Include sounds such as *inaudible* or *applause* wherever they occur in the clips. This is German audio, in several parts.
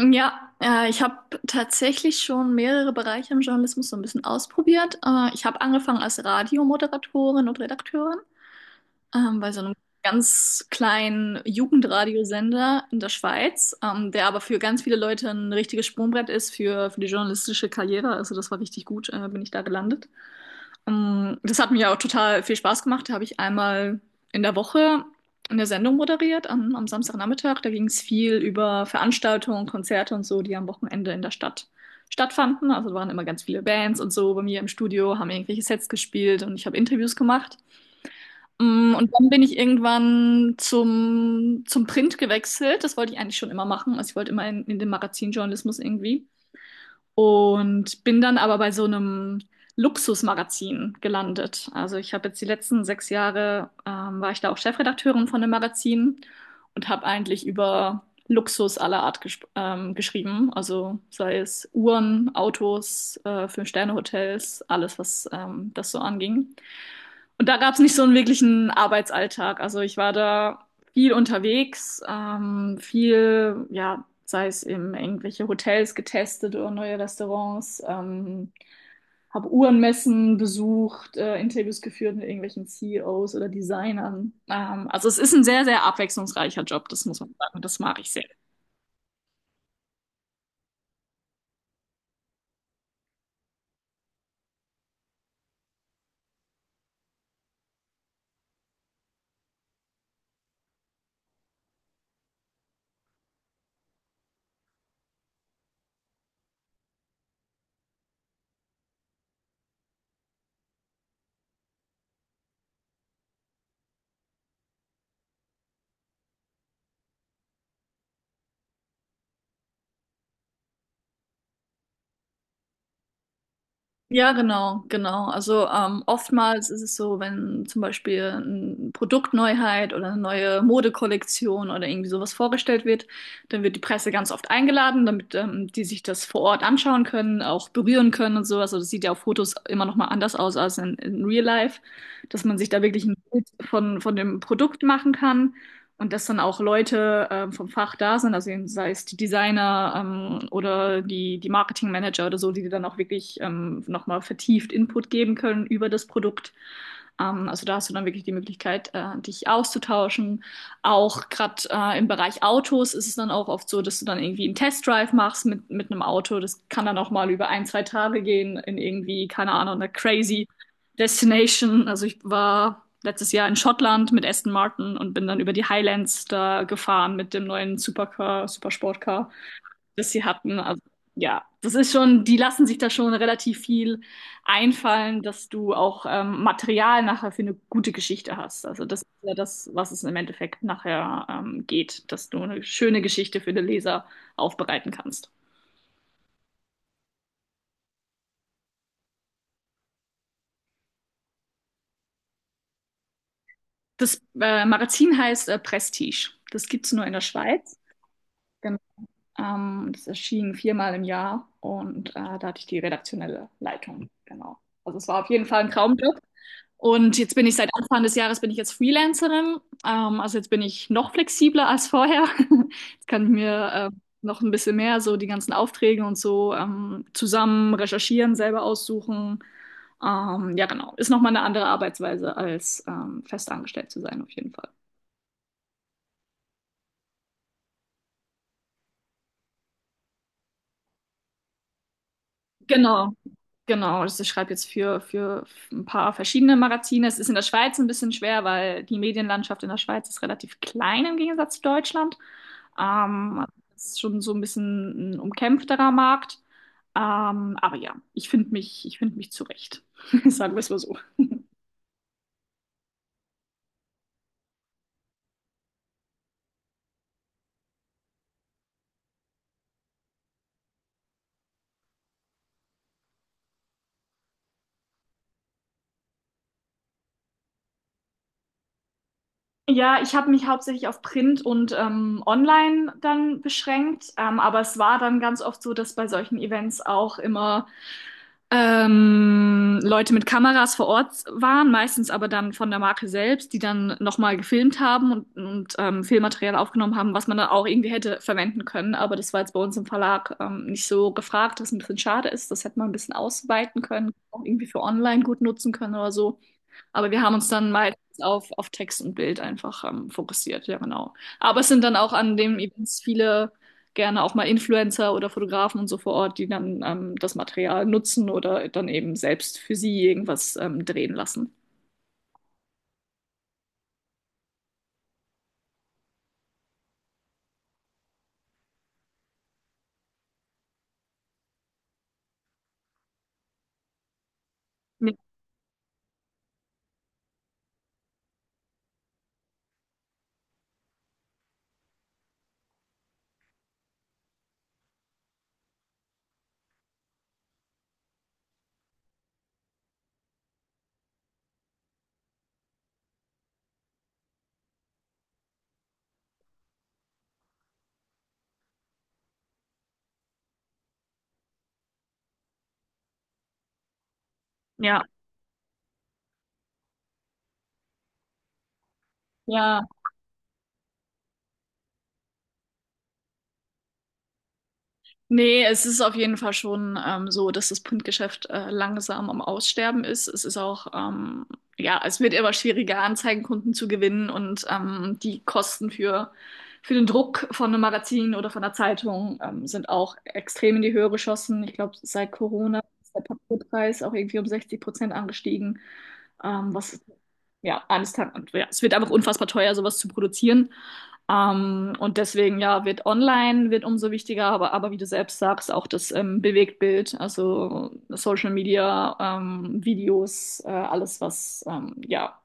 Ja, ich habe tatsächlich schon mehrere Bereiche im Journalismus so ein bisschen ausprobiert. Ich habe angefangen als Radiomoderatorin und Redakteurin bei so einem ganz kleinen Jugendradiosender in der Schweiz, der aber für ganz viele Leute ein richtiges Sprungbrett ist für die journalistische Karriere. Also das war richtig gut, bin ich da gelandet. Das hat mir auch total viel Spaß gemacht. Da habe ich einmal in der Woche eine Sendung moderiert am Samstagnachmittag. Da ging es viel über Veranstaltungen, Konzerte und so, die am Wochenende in der Stadt stattfanden. Also da waren immer ganz viele Bands und so bei mir im Studio, haben irgendwelche Sets gespielt und ich habe Interviews gemacht. Und dann bin ich irgendwann zum Print gewechselt. Das wollte ich eigentlich schon immer machen. Also ich wollte immer in den Magazinjournalismus irgendwie und bin dann aber bei so einem Luxusmagazin gelandet. Also ich habe jetzt die letzten sechs Jahre, war ich da auch Chefredakteurin von einem Magazin und habe eigentlich über Luxus aller Art geschrieben. Also sei es Uhren, Autos, Fünf-Sterne-Hotels, alles, was das so anging. Und da gab es nicht so einen wirklichen Arbeitsalltag. Also ich war da viel unterwegs, viel, ja, sei es eben irgendwelche Hotels getestet oder neue Restaurants, habe Uhrenmessen besucht, Interviews geführt mit irgendwelchen CEOs oder Designern. Also es ist ein sehr, sehr abwechslungsreicher Job, das muss man sagen, und das mag ich sehr. Ja, genau, genau. Also oftmals ist es so, wenn zum Beispiel eine Produktneuheit oder eine neue Modekollektion oder irgendwie sowas vorgestellt wird, dann wird die Presse ganz oft eingeladen, damit die sich das vor Ort anschauen können, auch berühren können und sowas. Also das sieht ja auf Fotos immer noch mal anders aus als in Real Life, dass man sich da wirklich ein Bild von dem Produkt machen kann. Und dass dann auch Leute vom Fach da sind, also sei es die Designer oder die Marketingmanager oder so, die dir dann auch wirklich nochmal vertieft Input geben können über das Produkt. Also da hast du dann wirklich die Möglichkeit, dich auszutauschen. Auch gerade im Bereich Autos ist es dann auch oft so, dass du dann irgendwie einen Testdrive machst mit einem Auto. Das kann dann auch mal über ein, zwei Tage gehen in irgendwie, keine Ahnung, eine crazy Destination. Also ich war letztes Jahr in Schottland mit Aston Martin und bin dann über die Highlands da gefahren mit dem neuen Supercar, Supersportcar, das sie hatten. Also ja, das ist schon, die lassen sich da schon relativ viel einfallen, dass du auch Material nachher für eine gute Geschichte hast. Also das ist ja das, was es im Endeffekt nachher geht, dass du eine schöne Geschichte für den Leser aufbereiten kannst. Das Magazin heißt Prestige. Das gibt's nur in der Schweiz. Genau. Das erschien viermal im Jahr und da hatte ich die redaktionelle Leitung. Genau. Also es war auf jeden Fall ein Traumjob. Und jetzt bin ich seit Anfang des Jahres bin ich jetzt Freelancerin. Also jetzt bin ich noch flexibler als vorher. *laughs* Jetzt kann ich mir noch ein bisschen mehr so die ganzen Aufträge und so zusammen recherchieren, selber aussuchen. Ja, genau. Ist nochmal eine andere Arbeitsweise als fest angestellt zu sein, auf jeden Fall. Genau, genau. Also ich schreibe jetzt für ein paar verschiedene Magazine. Es ist in der Schweiz ein bisschen schwer, weil die Medienlandschaft in der Schweiz ist relativ klein im Gegensatz zu Deutschland. Ähm, es ist schon so ein bisschen ein umkämpfterer Markt. Aber ja, ich finde mich zurecht. *laughs* Sagen wir es mal so. Ja, ich habe mich hauptsächlich auf Print und Online dann beschränkt, aber es war dann ganz oft so, dass bei solchen Events auch immer Leute mit Kameras vor Ort waren, meistens aber dann von der Marke selbst, die dann nochmal gefilmt haben und Filmmaterial aufgenommen haben, was man dann auch irgendwie hätte verwenden können. Aber das war jetzt bei uns im Verlag nicht so gefragt, was ein bisschen schade ist. Das hätte man ein bisschen ausweiten können, auch irgendwie für online gut nutzen können oder so. Aber wir haben uns dann meistens auf Text und Bild einfach fokussiert, ja genau. Aber es sind dann auch an den Events viele, gerne auch mal Influencer oder Fotografen und so vor Ort, die dann das Material nutzen oder dann eben selbst für sie irgendwas drehen lassen. Ja. Ja. Ja. Nee, es ist auf jeden Fall schon so, dass das Printgeschäft langsam am Aussterben ist. Es ist auch, ja, es wird immer schwieriger, Anzeigenkunden zu gewinnen und die Kosten für den Druck von einem Magazin oder von einer Zeitung sind auch extrem in die Höhe geschossen. Ich glaube, seit Corona ist der Papierpreis auch irgendwie um 60% angestiegen. Was, ja, eines Tages, und ja, es wird einfach unfassbar teuer, sowas zu produzieren. Und deswegen, ja, wird online, wird umso wichtiger, aber wie du selbst sagst, auch das Bewegtbild, also Social Media, Videos, alles, was, ja,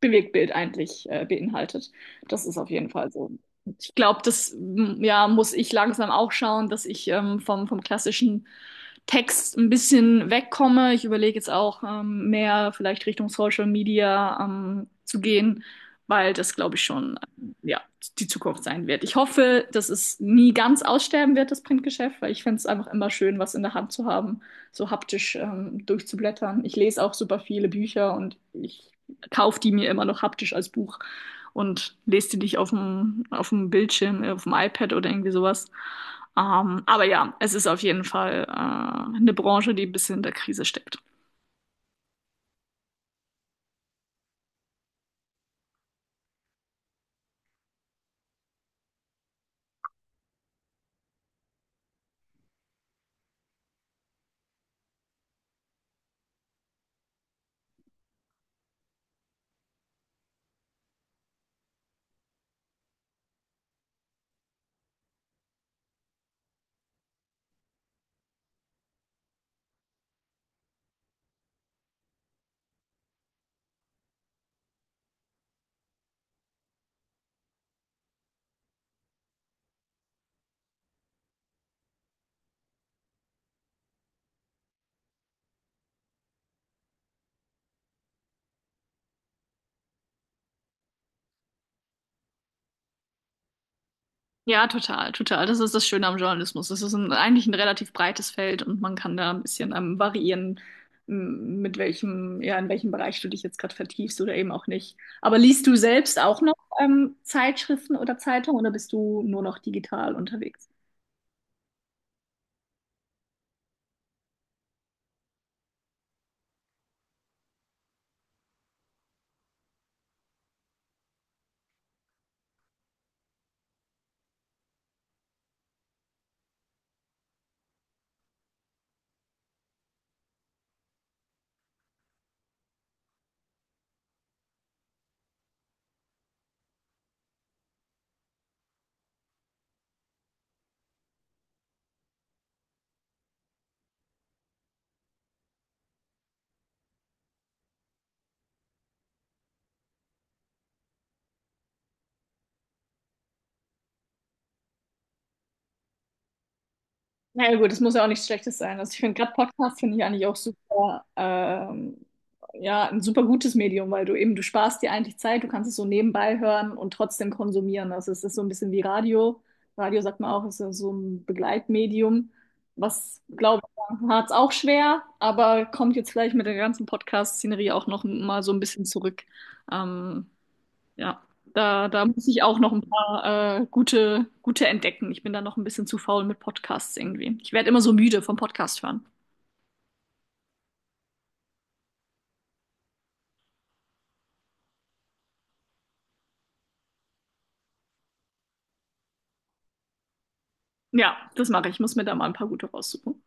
Bewegtbild eigentlich beinhaltet. Das ist auf jeden Fall so. Ich glaube, das, ja, muss ich langsam auch schauen, dass ich vom klassischen Text ein bisschen wegkomme. Ich überlege jetzt auch, mehr vielleicht Richtung Social Media zu gehen, weil das, glaube ich, schon ja, die Zukunft sein wird. Ich hoffe, dass es nie ganz aussterben wird, das Printgeschäft, weil ich finde es einfach immer schön, was in der Hand zu haben, so haptisch durchzublättern. Ich lese auch super viele Bücher und ich kaufe die mir immer noch haptisch als Buch und lese die nicht auf dem Bildschirm, auf dem iPad oder irgendwie sowas. Aber ja, es ist auf jeden Fall eine Branche, die ein bisschen in der Krise steckt. Ja, total, total. Das ist das Schöne am Journalismus. Das ist ein, eigentlich ein relativ breites Feld und man kann da ein bisschen variieren, mit welchem, ja, in welchem Bereich du dich jetzt gerade vertiefst oder eben auch nicht. Aber liest du selbst auch noch Zeitschriften oder Zeitungen oder bist du nur noch digital unterwegs? Naja gut, das muss ja auch nichts Schlechtes sein. Also ich finde gerade Podcast finde ich eigentlich auch super, ja, ein super gutes Medium, weil du eben, du sparst dir eigentlich Zeit, du kannst es so nebenbei hören und trotzdem konsumieren. Also es ist so ein bisschen wie Radio. Radio sagt man auch, ist ja so ein Begleitmedium, was, glaube ich, hat es auch schwer, aber kommt jetzt vielleicht mit der ganzen Podcast-Szenerie auch noch mal so ein bisschen zurück. Ähm, ja, da muss ich auch noch ein paar gute entdecken. Ich bin da noch ein bisschen zu faul mit Podcasts irgendwie. Ich werde immer so müde vom Podcast hören. Ja, das mache ich. Ich muss mir da mal ein paar gute raussuchen.